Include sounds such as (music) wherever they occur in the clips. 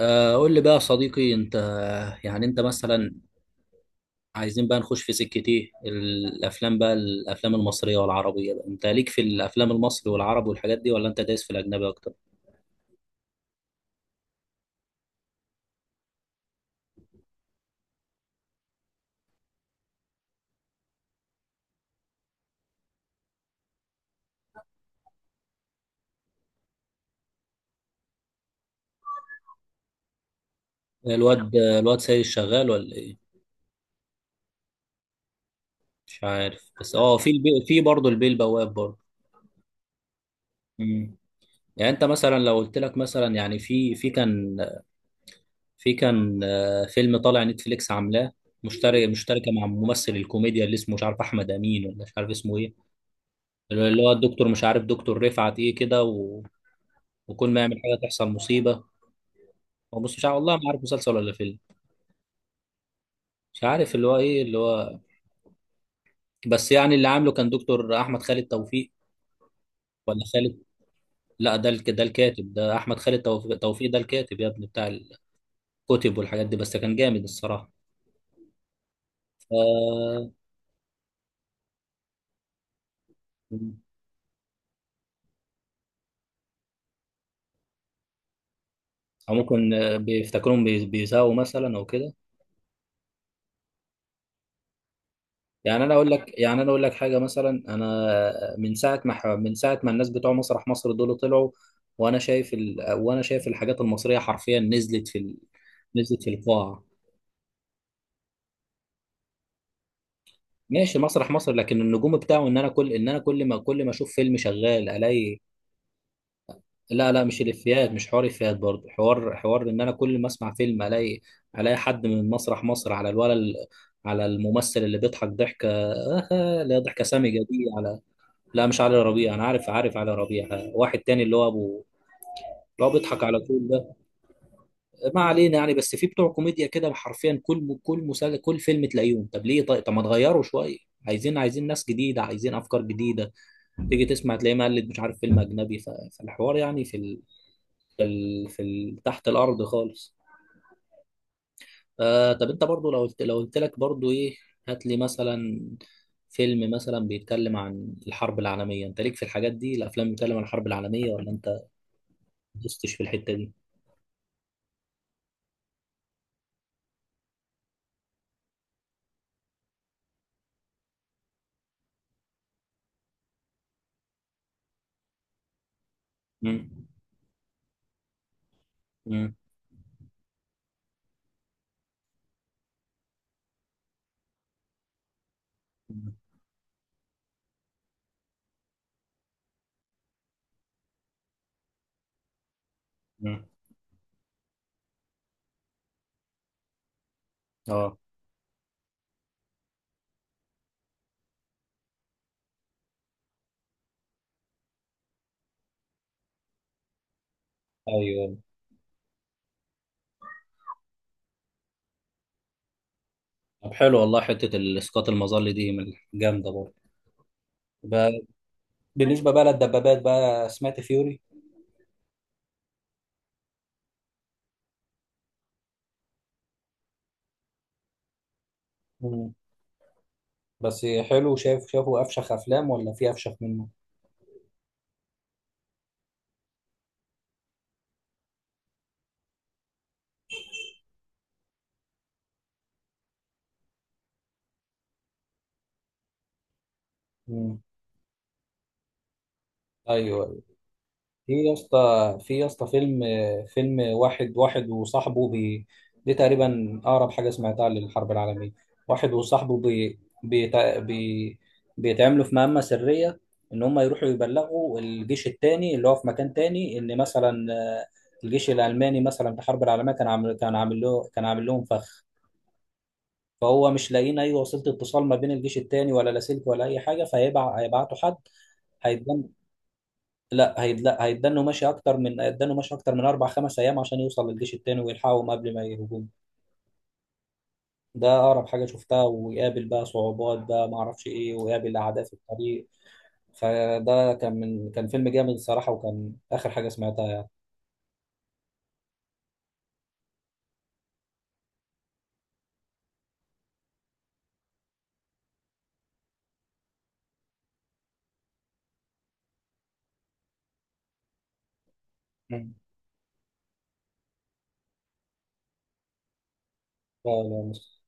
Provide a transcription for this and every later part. قول لي بقى يا صديقي انت. يعني انت مثلا عايزين بقى نخش في سكة ايه الافلام بقى الافلام المصرية والعربية بقى. انت ليك في الافلام المصري والعرب والحاجات دي ولا انت دايس في الاجنبي اكتر؟ الواد سيد شغال ولا ايه؟ مش عارف، بس اه في البي... في برضه البيه بواب برضه. مم. يعني انت مثلا لو قلت لك مثلا يعني في كان، في كان فيلم طالع نتفليكس عاملاه، مشتركة مع ممثل الكوميديا اللي اسمه مش عارف احمد امين ولا مش عارف اسمه ايه. اللي هو الدكتور مش عارف دكتور رفعت ايه كده و... وكل ما يعمل حاجه تحصل مصيبه. هو بص، مش عارف والله، ما عارف مسلسل ولا فيلم. مش عارف اللي هو ايه اللي هو، بس يعني اللي عامله كان دكتور احمد خالد توفيق. ولا خالد، لا ده الك... ده الكاتب، ده احمد خالد توفيق, توفيق ده الكاتب يا ابني، بتاع الكتب والحاجات دي، بس كان جامد الصراحه. ف... او ممكن بيفتكرهم بيساووا مثلا او كده. يعني انا اقول لك، يعني انا اقول لك حاجه مثلا، انا من ساعه ما من ساعه ما الناس بتوع مسرح مصر دول طلعوا، وانا شايف ال... وانا شايف الحاجات المصريه حرفيا نزلت في ال... نزلت في القاع. ماشي مسرح مصر، لكن النجوم بتاعه ان انا كل ان انا كل ما كل ما اشوف فيلم شغال الاقي. لا لا مش الافيهات، مش حوار افيهات برضه، حوار ان انا كل ما اسمع فيلم الاقي، الاقي حد من مسرح مصر على الولد، على الممثل اللي بيضحك ضحكه (laughs) لا ضحكه سامجه دي، على... لا مش علي ربيع، انا عارف، عارف علي ربيع، واحد تاني اللي هو ابو، اللي هو بيضحك على طول ده. ما علينا يعني. بس في بتوع كوميديا كده حرفيا كل، كل مسلسل كل فيلم تلاقيهم. طب ليه؟ طيب طب ما تغيروا شويه، عايزين ناس جديده، عايزين افكار جديده. تيجي تسمع تلاقيه مقلد مش عارف فيلم اجنبي فالحوار يعني في ال... في ال... في ال... تحت الارض خالص. آه طب انت برضو لو قلت لك برضو ايه، هات لي مثلا فيلم مثلا بيتكلم عن الحرب العالميه. انت ليك في الحاجات دي الافلام بتتكلم عن الحرب العالميه ولا انت دوستش في الحتة دي؟ مم. مم. مم. مم. اه. ايوه. طب حلو والله، حتة الاسقاط المظلي دي من جامدة برضه. ب-. بالنسبة بقى للدبابات بقى، سمعت فيوري؟ مم. بس حلو، شايف شافه افشخ افلام ولا في افشخ منه؟ مم. ايوه. في يا اسطى، في يا اسطى فيلم، فيلم واحد وصاحبه بي، دي تقريبا اقرب حاجه سمعتها للحرب العالميه. واحد وصاحبه بي بيتع- بي بيتعملوا في مهمه سريه، ان هم يروحوا يبلغوا الجيش التاني اللي هو في مكان تاني، ان مثلا الجيش الالماني مثلا في الحرب العالميه كان عامل لهم فخ. فهو مش لاقيين اي وسيله اتصال ما بين الجيش التاني، ولا لاسلكي ولا اي حاجه، فهيبعتوا حد. لا هي، لا هيدنوا ماشي اكتر من هيدنوا ماشي اكتر من اربع خمس ايام عشان يوصل للجيش التاني ويلحقهم قبل ما يهجوم. ده اقرب حاجه شفتها. ويقابل بقى صعوبات بقى، ما اعرفش ايه، ويقابل اعداء في الطريق. فده كان كان فيلم جامد الصراحه، وكان اخر حاجه سمعتها يعني. مم. لا لا مش-.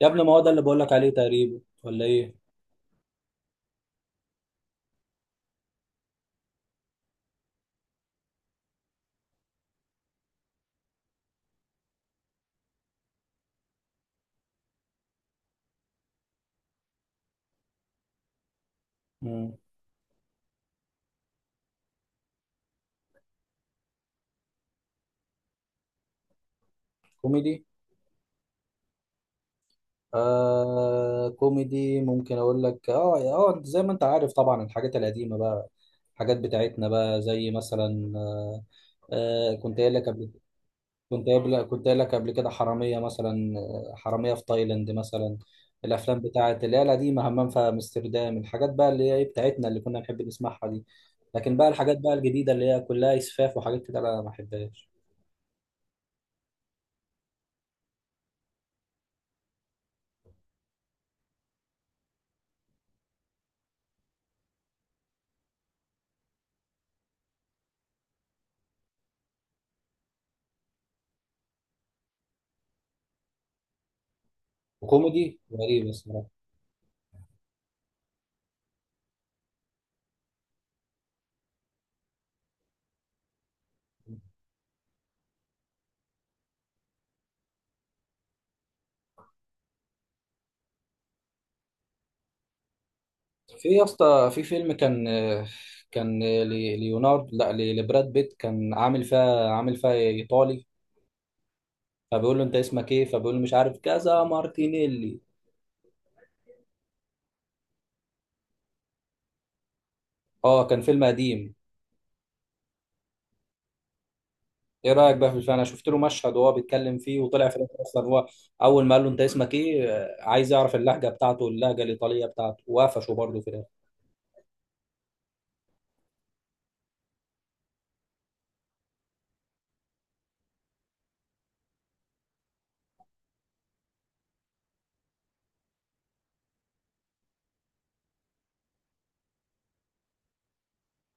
يا ابني ما هو ده اللي بقول لك عليه تقريبا ولا ايه؟ مم. كوميدي؟ آه كوميدي، ممكن اقول لك اه اه، زي ما انت عارف طبعا الحاجات القديمه بقى، الحاجات بتاعتنا بقى، زي مثلا آه كنت قايل لك قبل، كنت قايل لك قبل كده حرامية مثلا، حرامية في تايلاند مثلا، الأفلام بتاعت اللي هي القديمة، همام في أمستردام، الحاجات بقى اللي هي إيه بتاعتنا اللي كنا نحب نسمعها دي. لكن بقى الحاجات بقى الجديدة اللي هي كلها إسفاف وحاجات كده أنا ما بحبهاش. وكوميدي غريب الصراحة. في يا اسطى، في فيلم كان كان ليوناردو لا ل- لبراد بيت، كان عامل فيها إيطالي. فبيقول له أنت اسمك إيه، فبيقول له مش عارف كذا مارتينيلي. اه كان فيلم قديم. ايه رايك بقى في الفيلم؟ انا شفت له مشهد وهو بيتكلم فيه، وطلع في الاخر اصلا هو اول ما قال له انت اسمك ايه، عايز يعرف اللهجه بتاعته، اللهجه الايطاليه بتاعته، وقفشه برضه في الاخر.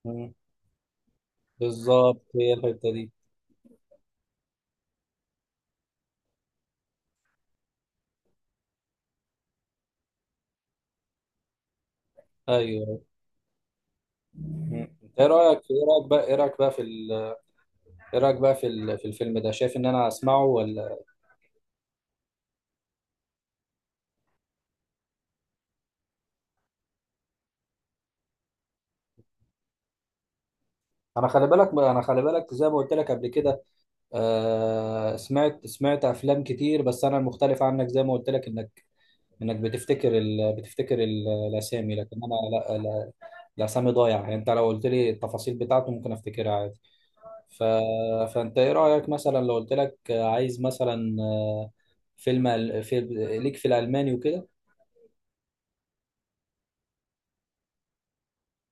مم. بالظبط هي الحته دي. ايوه. مم. ايه رايك بقى في ال... في الفيلم ده، شايف ان انا اسمعه ولا؟ انا خلي بالك زي ما قلت لك قبل كده، آه... سمعت افلام كتير، بس انا المختلف عنك زي ما قلت لك، انك بتفتكر ال... بتفتكر ال... الاسامي، لكن انا لا. الاسامي ضايعه يعني. انت لو قلت لي التفاصيل بتاعته ممكن افتكرها عادي. ف... فانت ايه رايك مثلا لو قلت لك عايز مثلا فيلم ال- في... ليك في الالماني وكده؟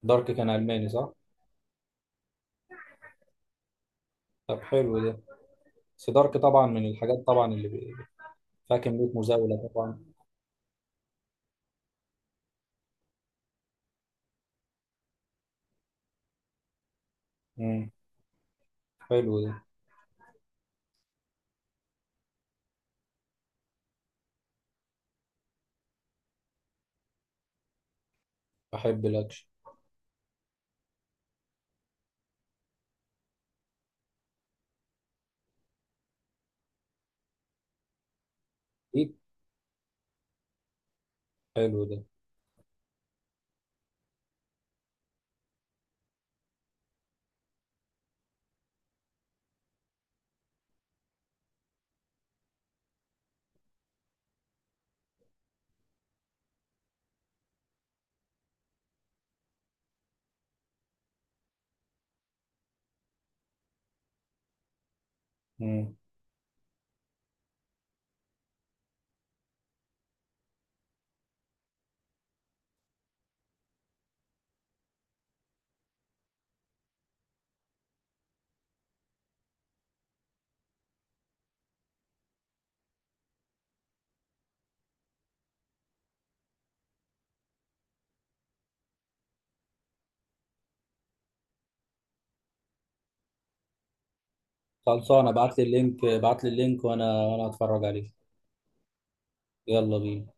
دارك كان الماني صح؟ طب حلو ده. بس دارك طبعا من الحاجات طبعا اللي فيها كميه مزاوله طبعا. امم. حلو ده. بحب الاكشن. ايه؟ حلو ده. امم. خلصانه، ابعت لي اللينك وانا، وانا هتفرج عليه. يلا بينا.